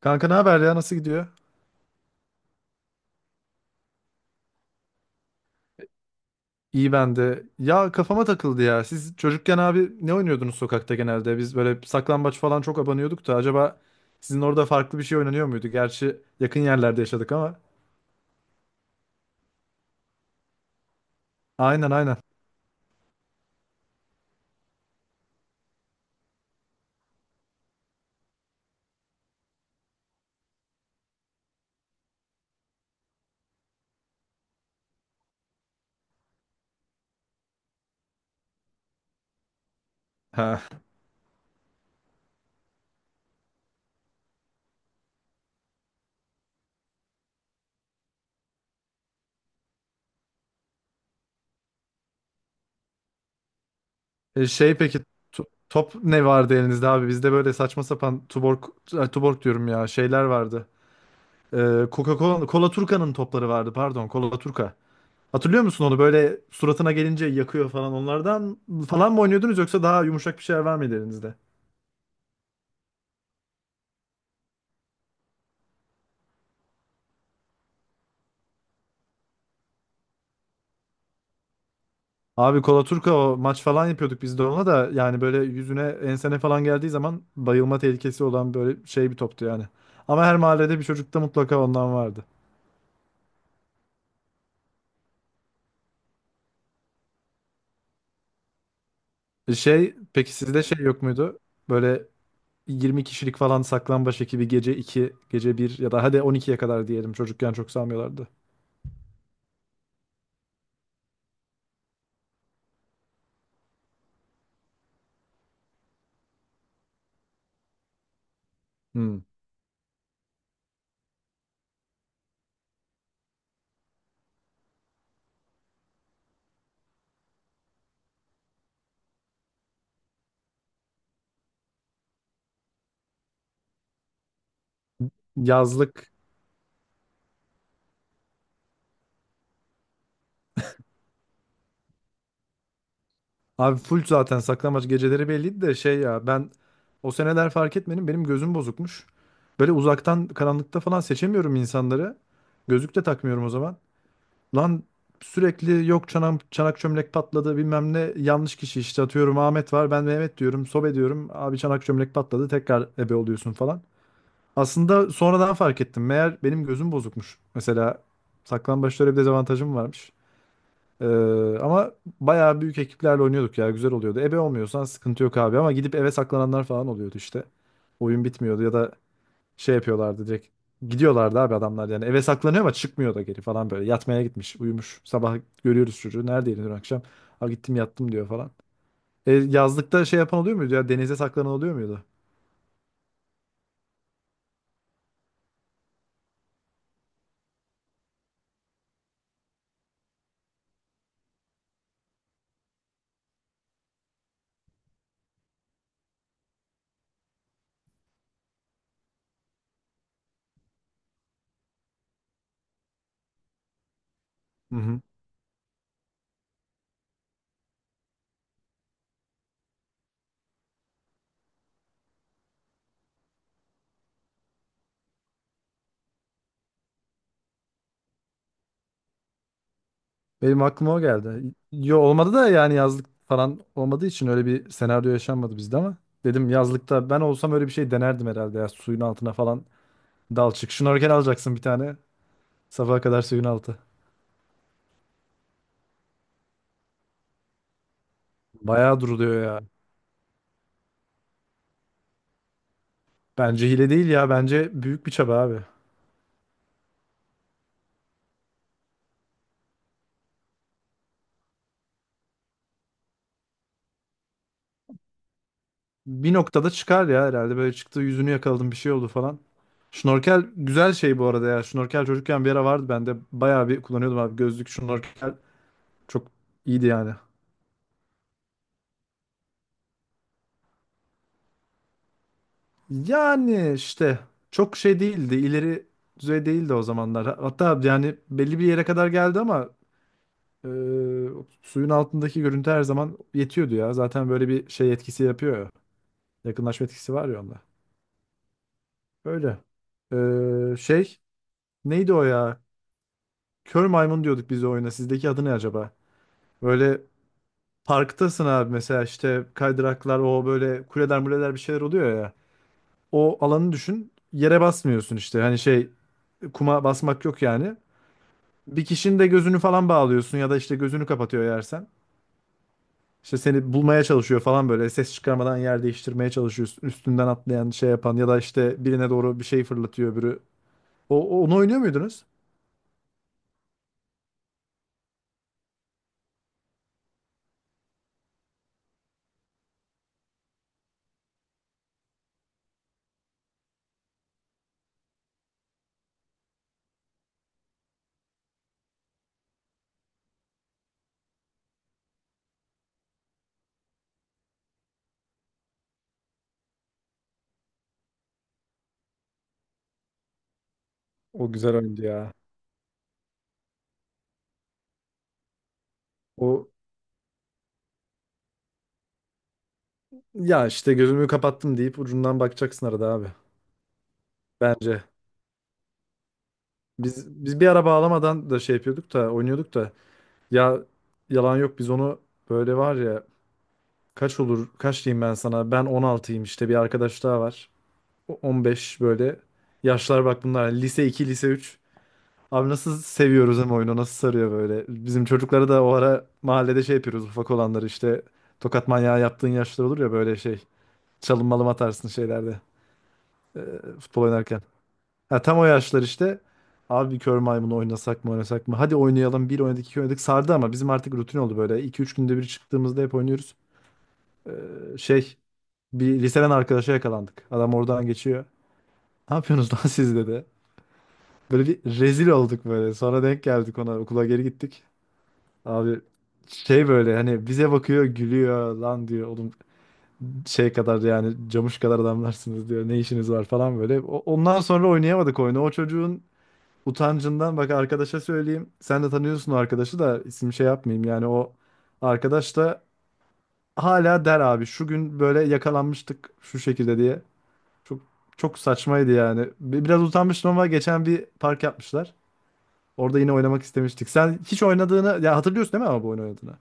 Kanka ne haber ya nasıl gidiyor? İyi ben de. Ya kafama takıldı ya. Siz çocukken abi ne oynuyordunuz sokakta genelde? Biz böyle saklambaç falan çok abanıyorduk da acaba sizin orada farklı bir şey oynanıyor muydu? Gerçi yakın yerlerde yaşadık ama. Aynen aynen. Ha. Şey peki top ne vardı elinizde abi? Bizde böyle saçma sapan tuborg, ay, tuborg diyorum ya şeyler vardı. E, Coca-Cola, Cola Turca'nın topları vardı pardon Cola Turca. Hatırlıyor musun onu böyle suratına gelince yakıyor falan onlardan falan mı oynuyordunuz yoksa daha yumuşak bir şeyler var mıydı elinizde? Abi Kola Turka maç falan yapıyorduk biz de ona da yani böyle yüzüne ensene falan geldiği zaman bayılma tehlikesi olan böyle şey bir toptu yani. Ama her mahallede bir çocukta mutlaka ondan vardı. Şey peki sizde şey yok muydu? Böyle 20 kişilik falan saklambaç ekibi gece 2 gece bir ya da hadi 12'ye kadar diyelim çocukken çok salmıyorlardı. Hmm. Yazlık Abi full zaten saklambaç geceleri belliydi de şey ya ben o seneler fark etmedim benim gözüm bozukmuş. Böyle uzaktan karanlıkta falan seçemiyorum insanları. Gözlük de takmıyorum o zaman. Lan sürekli yok çanak, çanak çömlek patladı bilmem ne yanlış kişi işte atıyorum Ahmet var ben Mehmet diyorum sobe diyorum abi çanak çömlek patladı tekrar ebe oluyorsun falan. Aslında sonradan fark ettim meğer benim gözüm bozukmuş. Mesela saklambaçta öyle bir dezavantajım varmış. Ee, ama bayağı büyük ekiplerle oynuyorduk ya güzel oluyordu. Ebe olmuyorsan sıkıntı yok abi ama gidip eve saklananlar falan oluyordu işte. Oyun bitmiyordu ya da şey yapıyorlardı direkt. Gidiyorlardı abi adamlar yani eve saklanıyor ama çıkmıyor da geri falan böyle. Yatmaya gitmiş uyumuş sabah görüyoruz çocuğu neredeydin dün akşam. Ha gittim yattım diyor falan. Yazlıkta şey yapan oluyor muydu ya denize saklanan oluyor muydu? Hı hı. Benim aklıma o geldi. Yo olmadı da yani yazlık falan olmadığı için öyle bir senaryo yaşanmadı bizde ama dedim yazlıkta ben olsam öyle bir şey denerdim herhalde ya suyun altına falan dal çık. Şnorkel alacaksın bir tane sabaha kadar suyun altı. Bayağı duruluyor ya. Bence hile değil ya bence büyük bir çaba abi. Bir noktada çıkar ya herhalde böyle çıktı yüzünü yakaladım bir şey oldu falan. Şnorkel güzel şey bu arada ya. Şnorkel çocukken bir ara vardı bende. Bayağı bir kullanıyordum abi. Gözlük şnorkel çok iyiydi yani. Yani işte çok şey değildi, ileri düzey değildi o zamanlar. Hatta yani belli bir yere kadar geldi ama e, suyun altındaki görüntü her zaman yetiyordu ya. Zaten böyle bir şey etkisi yapıyor ya. Yakınlaşma etkisi var ya onda. Öyle. Şey neydi o ya? Kör maymun diyorduk biz o oyuna. Sizdeki adı ne acaba? Böyle parktasın abi mesela işte kaydıraklar o böyle kuleler muleler bir şeyler oluyor ya. O alanı düşün. Yere basmıyorsun işte. Hani şey kuma basmak yok yani. Bir kişinin de gözünü falan bağlıyorsun ya da işte gözünü kapatıyor yersen. İşte seni bulmaya çalışıyor falan böyle ses çıkarmadan yer değiştirmeye çalışıyorsun. Üstünden atlayan şey yapan ya da işte birine doğru bir şey fırlatıyor öbürü. Onu oynuyor muydunuz? O güzel oyundu ya. O ya işte gözümü kapattım deyip ucundan bakacaksın arada abi. Bence. Biz bir ara bağlamadan da şey yapıyorduk da oynuyorduk da ya yalan yok biz onu böyle var ya kaç olur kaç diyeyim ben sana ben 16'yım işte bir arkadaş daha var. 15 böyle yaşlar bak bunlar yani lise 2 lise 3 abi nasıl seviyoruz hem oyunu nasıl sarıyor böyle bizim çocukları da o ara mahallede şey yapıyoruz ufak olanları işte tokat manyağı yaptığın yaşlar olur ya böyle şey çalım malım atarsın şeylerde e, futbol oynarken ha, tam o yaşlar işte abi kör maymunu oynasak mı oynasak mı hadi oynayalım bir oynadık iki oynadık sardı ama bizim artık rutin oldu böyle iki üç günde bir çıktığımızda hep oynuyoruz. E, şey bir liseden arkadaşa yakalandık adam oradan geçiyor ne yapıyorsunuz lan siz dedi. Böyle bir rezil olduk böyle. Sonra denk geldik ona okula geri gittik. Abi şey böyle hani bize bakıyor gülüyor lan diyor oğlum şey kadar yani camış kadar adamlarsınız diyor ne işiniz var falan böyle. Ondan sonra oynayamadık oyunu. O çocuğun utancından bak arkadaşa söyleyeyim. Sen de tanıyorsun o arkadaşı da isim şey yapmayayım yani o arkadaş da hala der abi şu gün böyle yakalanmıştık şu şekilde diye. Çok çok saçmaydı yani. Biraz utanmıştım ama geçen bir park yapmışlar. Orada yine oynamak istemiştik. Sen hiç oynadığını ya hatırlıyorsun değil mi ama bu oyunu oynadığını?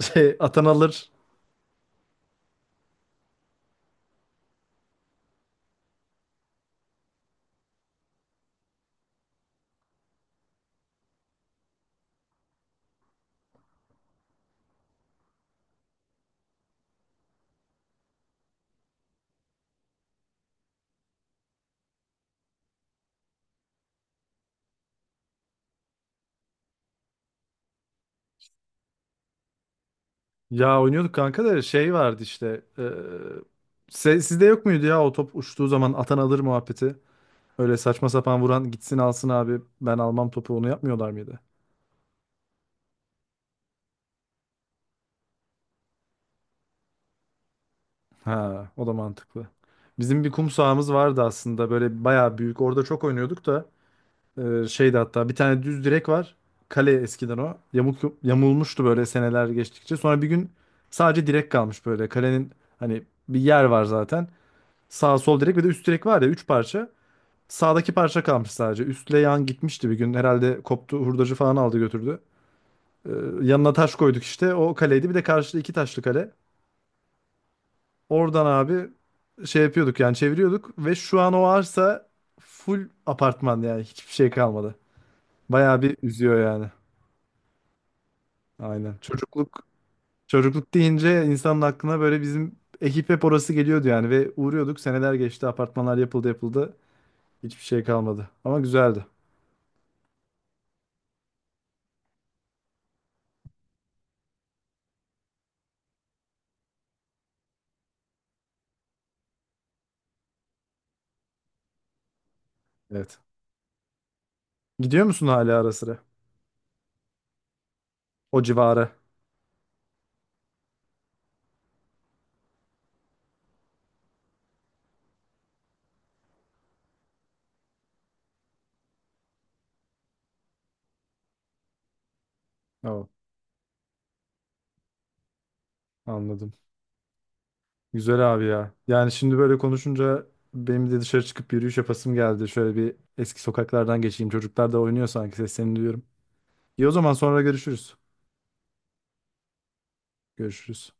Şey Atanalar ya oynuyorduk kanka da şey vardı işte. Sizde yok muydu ya o top uçtuğu zaman atan alır muhabbeti? Öyle saçma sapan vuran gitsin alsın abi ben almam topu onu yapmıyorlar mıydı? Ha o da mantıklı. Bizim bir kum sahamız vardı aslında böyle bayağı büyük orada çok oynuyorduk da şeydi hatta bir tane düz direk var. Kale eskiden o. Yamuk, yamulmuştu böyle seneler geçtikçe. Sonra bir gün sadece direk kalmış böyle. Kalenin hani bir yer var zaten. Sağ sol direk ve de üst direk var ya 3 parça. Sağdaki parça kalmış sadece. Üstle yan gitmişti bir gün. Herhalde koptu hurdacı falan aldı götürdü. Ee, yanına taş koyduk işte. O kaleydi. Bir de karşıda iki taşlı kale. Oradan abi şey yapıyorduk yani çeviriyorduk. Ve şu an o arsa full apartman yani. Hiçbir şey kalmadı. Bayağı bir üzüyor yani. Aynen. Çocukluk deyince insanın aklına böyle bizim ekip hep orası geliyordu yani ve uğruyorduk. Seneler geçti, apartmanlar yapıldı yapıldı. Hiçbir şey kalmadı. Ama güzeldi. Evet. Gidiyor musun hala ara sıra? O civara. Oh, anladım. Güzel abi ya. Yani şimdi böyle konuşunca benim de dışarı çıkıp yürüyüş yapasım geldi. Şöyle bir eski sokaklardan geçeyim. Çocuklar da oynuyor sanki seslerini duyuyorum. İyi o zaman sonra görüşürüz. Görüşürüz.